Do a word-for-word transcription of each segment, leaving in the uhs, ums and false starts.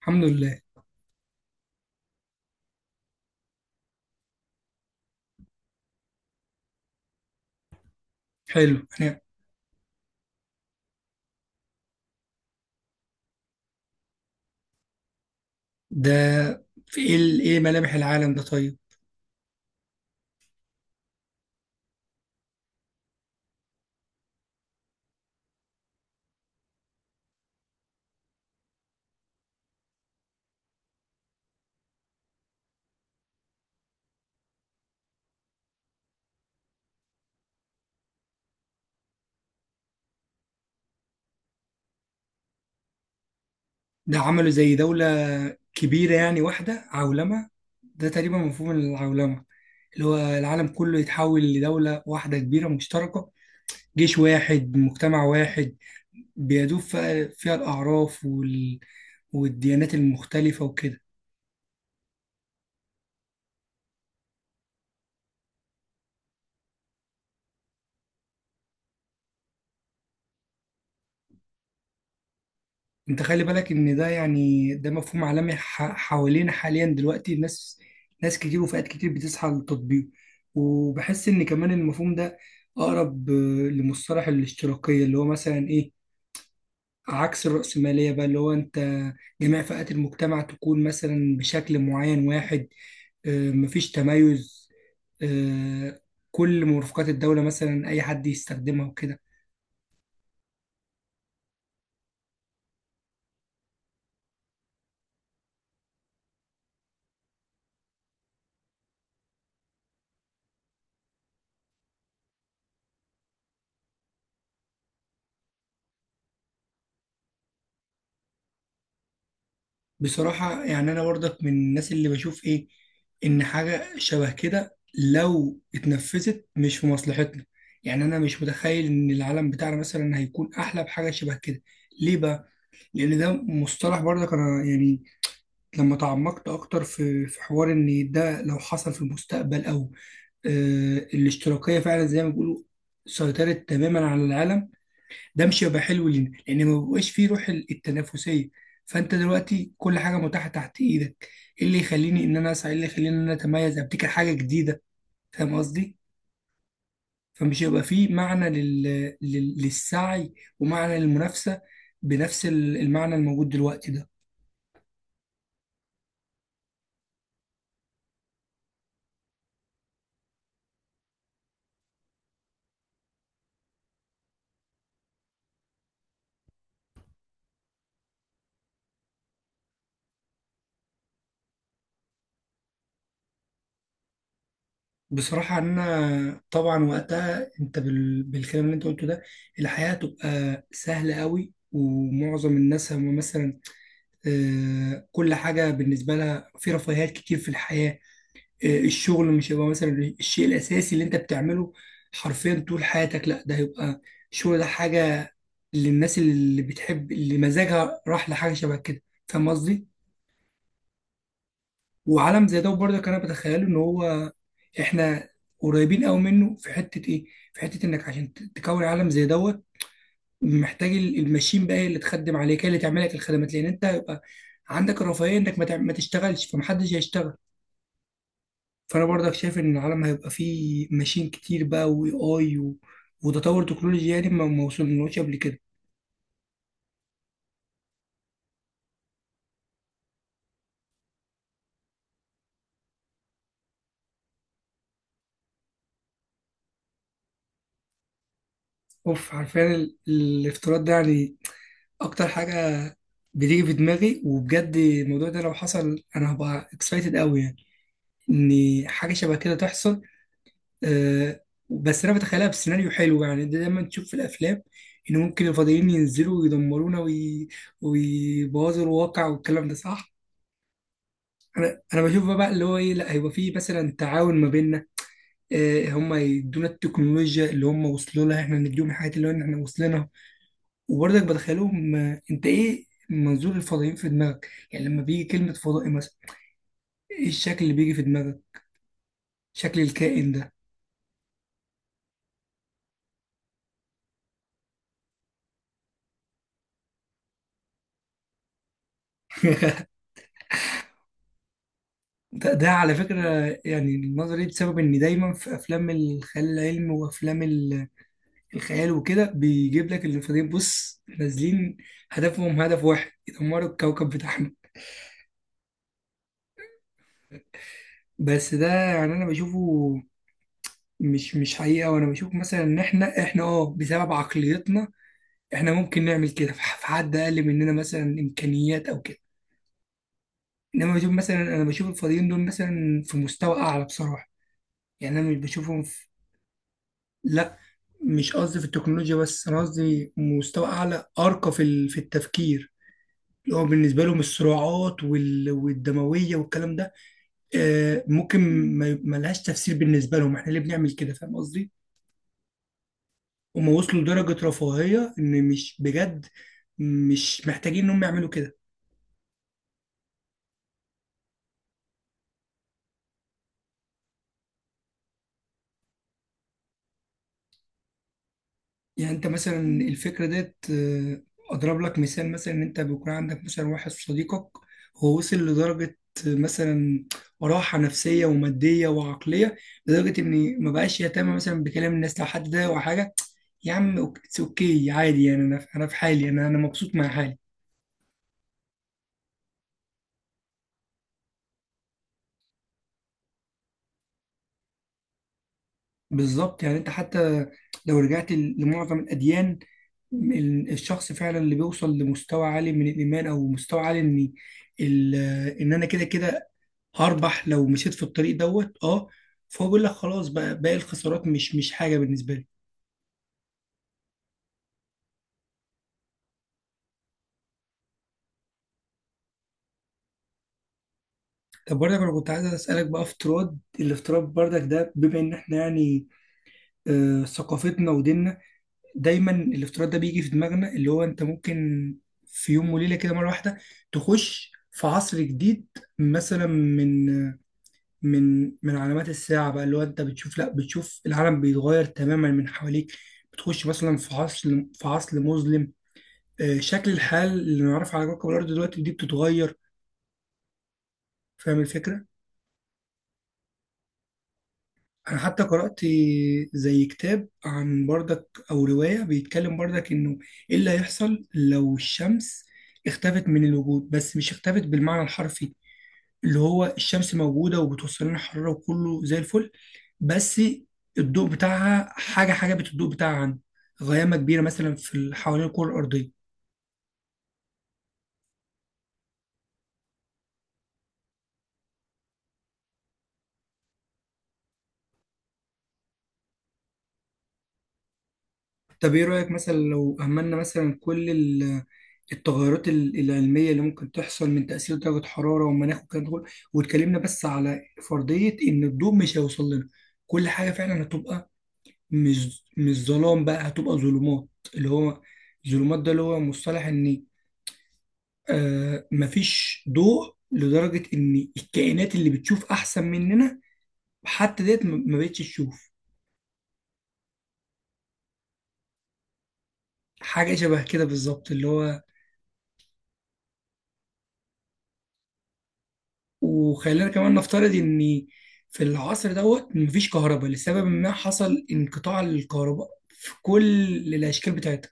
الحمد لله. حلو. انا ده في ايه، ال- ايه ملامح العالم ده؟ طيب، ده عملوا زي دولة كبيرة، يعني واحدة، عولمة. ده تقريبا مفهوم العولمة، اللي هو العالم كله يتحول لدولة واحدة كبيرة مشتركة، جيش واحد، مجتمع واحد، بيدوب فيها فيها الأعراف وال... والديانات المختلفة وكده. انت خلي بالك ان ده، يعني ده مفهوم عالمي ح- حوالينا حاليا دلوقتي. الناس ناس كتير وفئات كتير بتسعى للتطبيق، وبحس ان كمان المفهوم ده اقرب آه، لمصطلح الاشتراكية، اللي هو مثلا ايه، عكس الرأسمالية بقى. اللي هو انت جميع فئات المجتمع تكون مثلا بشكل معين واحد، آه، مفيش تميز. آه، كل مرافقات الدولة مثلا اي حد يستخدمها وكده. بصراحة يعني أنا برضك من الناس اللي بشوف إيه، إن حاجة شبه كده لو اتنفذت مش في مصلحتنا. يعني أنا مش متخيل إن العالم بتاعنا مثلا هيكون أحلى بحاجة شبه كده. ليه بقى؟ لأن ده مصطلح، برضك أنا يعني لما تعمقت أكتر في في حوار، إن ده لو حصل في المستقبل أو آه، الاشتراكية فعلا زي ما بيقولوا سيطرت تماما على العالم، ده مش هيبقى حلو لينا لان ما بيبقاش فيه روح ال- التنافسيه. فانت دلوقتي كل حاجه متاحه تحت ايدك، ايه اللي يخليني ان انا اسعى، ايه اللي يخليني ان انا اتميز، ابتكر حاجه جديده؟ فاهم قصدي؟ فمش هيبقى فيه معنى لل... لل... للسعي، ومعنى للمنافسه بنفس ال- المعنى الموجود دلوقتي ده. بصراحة أنا طبعا وقتها أنت بال... بالكلام اللي أنت قلته ده، الحياة هتبقى سهلة قوي، ومعظم الناس هم مثلا آه، كل حاجة بالنسبة لها في رفاهيات كتير في الحياة. الشغل مش هيبقى مثلا الشيء الأساسي اللي أنت بتعمله حرفيا طول حياتك، لا، ده هيبقى الشغل ده حاجة للناس اللي بتحب، اللي مزاجها راح لحاجة شبه كده. فاهم قصدي؟ وعالم زي ده برضك أنا بتخيله إن هو، إحنا قريبين أوي منه في حتة إيه؟ في حتة إنك عشان ت- تكون عالم زي دوت، محتاج ال- الماشين بقى هي اللي تخدم عليك، هي اللي تعمل لك الخدمات، لأن أنت هيبقى عندك الرفاهية إنك ما تع- ما تشتغلش، فمحدش هيشتغل. فانا برضك شايف ان العالم هيبقى فيه ماشين كتير بقى، واي اي و... وتطور تكنولوجي يعني ما ما وصلناش قبل كده. اوف، عارفين ال... الافتراض ده يعني اكتر حاجه بتيجي في دماغي، وبجد الموضوع ده لو حصل انا هبقى اكسايتد قوي، يعني ان حاجه شبه كده تحصل. أه، بس انا بتخيلها بسيناريو حلو يعني. ده دايما تشوف في الافلام ان ممكن الفضائيين ينزلوا ويدمرونا وي... ويبوظوا الواقع والكلام ده صح. انا انا بشوف بقى اللي هو ايه، لا، هيبقى فيه مثلا تعاون ما بيننا، آه، هم يدونا التكنولوجيا اللي هم وصلوا لها، احنا نديهم الحاجات اللي هو إن احنا وصلنا. وبرضك بدخلهم آه، انت ايه منظور الفضائيين في دماغك يعني، لما بيجي كلمة فضائي مثلا، ايه الشكل اللي بيجي في دماغك؟ شكل الكائن ده؟ ده, ده على فكرة، يعني النظرية دي بسبب ان دايما في افلام الخيال العلمي وافلام ال- الخيال وكده، بيجيب لك الفضائيين بص نازلين، هدفهم هدف واحد، يدمروا الكوكب بتاعهم. بس ده يعني انا بشوفه مش مش حقيقه، وانا بشوف مثلا ان احنا احنا اه، بسبب عقليتنا، احنا ممكن نعمل كده في ح- في حد اقل مننا مثلا امكانيات او كده. انما بشوف مثلا، انا بشوف الفاضيين دول مثلا في مستوى اعلى بصراحه. يعني انا مش بشوفهم في. لا، مش قصدي في التكنولوجيا بس، انا قصدي مستوى اعلى ارقى في ال- في التفكير، اللي هو بالنسبه لهم الصراعات وال- والدمويه والكلام ده آه، ممكن ما ما لهاش تفسير. بالنسبه لهم احنا ليه بنعمل كده؟ فاهم قصدي؟ هم وصلوا لدرجة رفاهية إن مش بجد مش محتاجين إن هم يعملوا كده. يعني أنت مثلا الفكرة ديت، آه، أضرب لك مثال مثلا، إن أنت بيكون عندك مثلا واحد صديقك هو وصل لدرجة، آه، مثلا راحة نفسية ومادية وعقلية، لدرجة إن ما بقاش يهتم مثلا بكلام الناس لو حد ده أو حاجة، يا عم أوك- اتس أوكي عادي، يعني أنا أنا في حالي، أنا أنا مبسوط مع حالي. بالظبط، يعني انت حتى لو رجعت لمعظم الاديان، ال- الشخص فعلا اللي بيوصل لمستوى عالي من الايمان، او مستوى عالي ان، ال- ان انا كده كده هربح لو مشيت في الطريق دوت. اه، فهو بيقول لك خلاص بقى باقي الخسارات مش مش حاجه بالنسبه لي. طب برضك انا كنت عايز اسالك بقى، افتراض الافتراض برضك ده، بما ان احنا يعني آه ثقافتنا وديننا، دايما الافتراض ده بيجي في دماغنا، اللي هو انت ممكن في يوم وليله كده مره واحده تخش في عصر جديد، مثلا من من من علامات الساعه بقى. اللي هو انت بتشوف، لا، بتشوف العالم بيتغير تماما من حواليك، بتخش مثلا في عصر، في عصر مظلم. آه، شكل الحال اللي نعرفه على كوكب الارض دلوقتي دي بتتغير. فاهم الفكره؟ انا حتى قرأت زي كتاب عن بردك، او رواية بيتكلم بردك انه ايه اللي هيحصل لو الشمس اختفت من الوجود، بس مش اختفت بالمعنى الحرفي، اللي هو الشمس موجودة وبتوصل لنا حرارة وكله زي الفل، بس الضوء بتاعها حاجة حاجة بالضوء بتاعها عن غيامة كبيرة مثلا في ال- حوالين الكرة الأرضية. طب ايه رأيك مثلا لو أهملنا مثلا كل ال- التغيرات ال- العلمية اللي ممكن تحصل من تأثير درجة حرارة والمناخ والكلام ده كله، واتكلمنا بس على فرضية إن الضوء مش هيوصل لنا، كل حاجة فعلا هتبقى مش مش ظلام بقى، هتبقى ظلمات. اللي هو ظلمات ده اللي هو مصطلح إن آه مفيش ضوء لدرجة إن الكائنات اللي بتشوف أحسن مننا حتى ديت ما ما بقتش تشوف. حاجة شبه كده بالظبط. اللي هو وخلينا كمان نفترض ان في العصر دوت مفيش كهرباء، لسبب ما حصل انقطاع الكهرباء في كل الاشكال بتاعتها.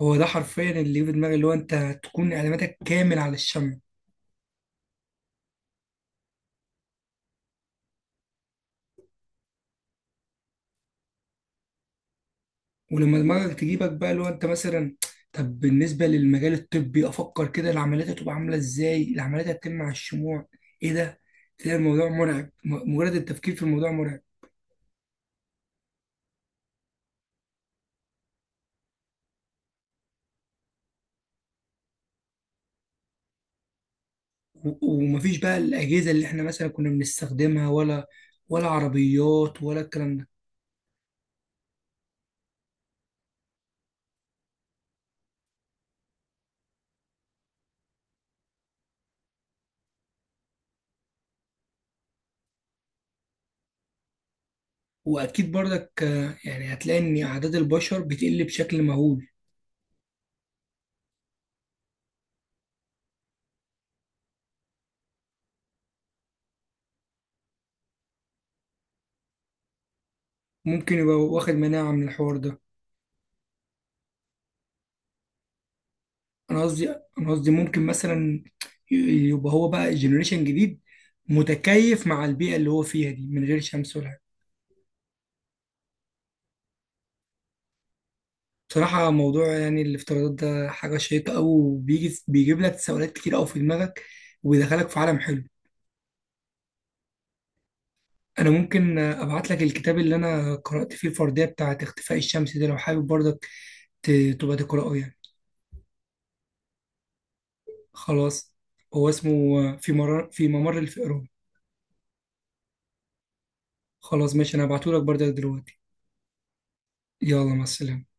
هو ده حرفيا اللي في دماغي، اللي هو انت تكون اعتمادك كامل على الشمع. ولما دماغك تجيبك بقى اللي هو انت مثلا، طب بالنسبه للمجال الطبي، افكر كده العمليات هتبقى عامله ازاي، العمليات هتتم على الشموع؟ ايه ده! تلاقي الموضوع مرعب، م- مجرد التفكير في الموضوع مرعب. و- ومفيش بقى الاجهزه اللي احنا مثلا كنا بنستخدمها، ولا ولا عربيات ولا الكلام ده. واكيد برضك آه، يعني هتلاقي ان اعداد البشر بتقل بشكل مهول. ممكن يبقى واخد مناعة من الحوار ده. انا قصدي، انا قصدي ممكن مثلا ي- يبقى هو بقى جنريشن جديد متكيف مع البيئة اللي هو فيها دي من غير شمس ولا حاجة. بصراحة موضوع يعني الافتراضات ده حاجة شيقة أوي، وبيجي بيجيب لك تساؤلات كتير أوي في دماغك، وبيدخلك في عالم حلو. أنا ممكن آه، أبعت لك الكتاب اللي أنا قرأت فيه الفردية بتاعة اختفاء الشمس ده لو حابب برضك ت- تبقى تقرأه يعني. خلاص، هو اسمه آه، في مرار في ممر الفئران. خلاص ماشي، انا هبعتهولك برضه دلوقتي. يلا مع السلامة.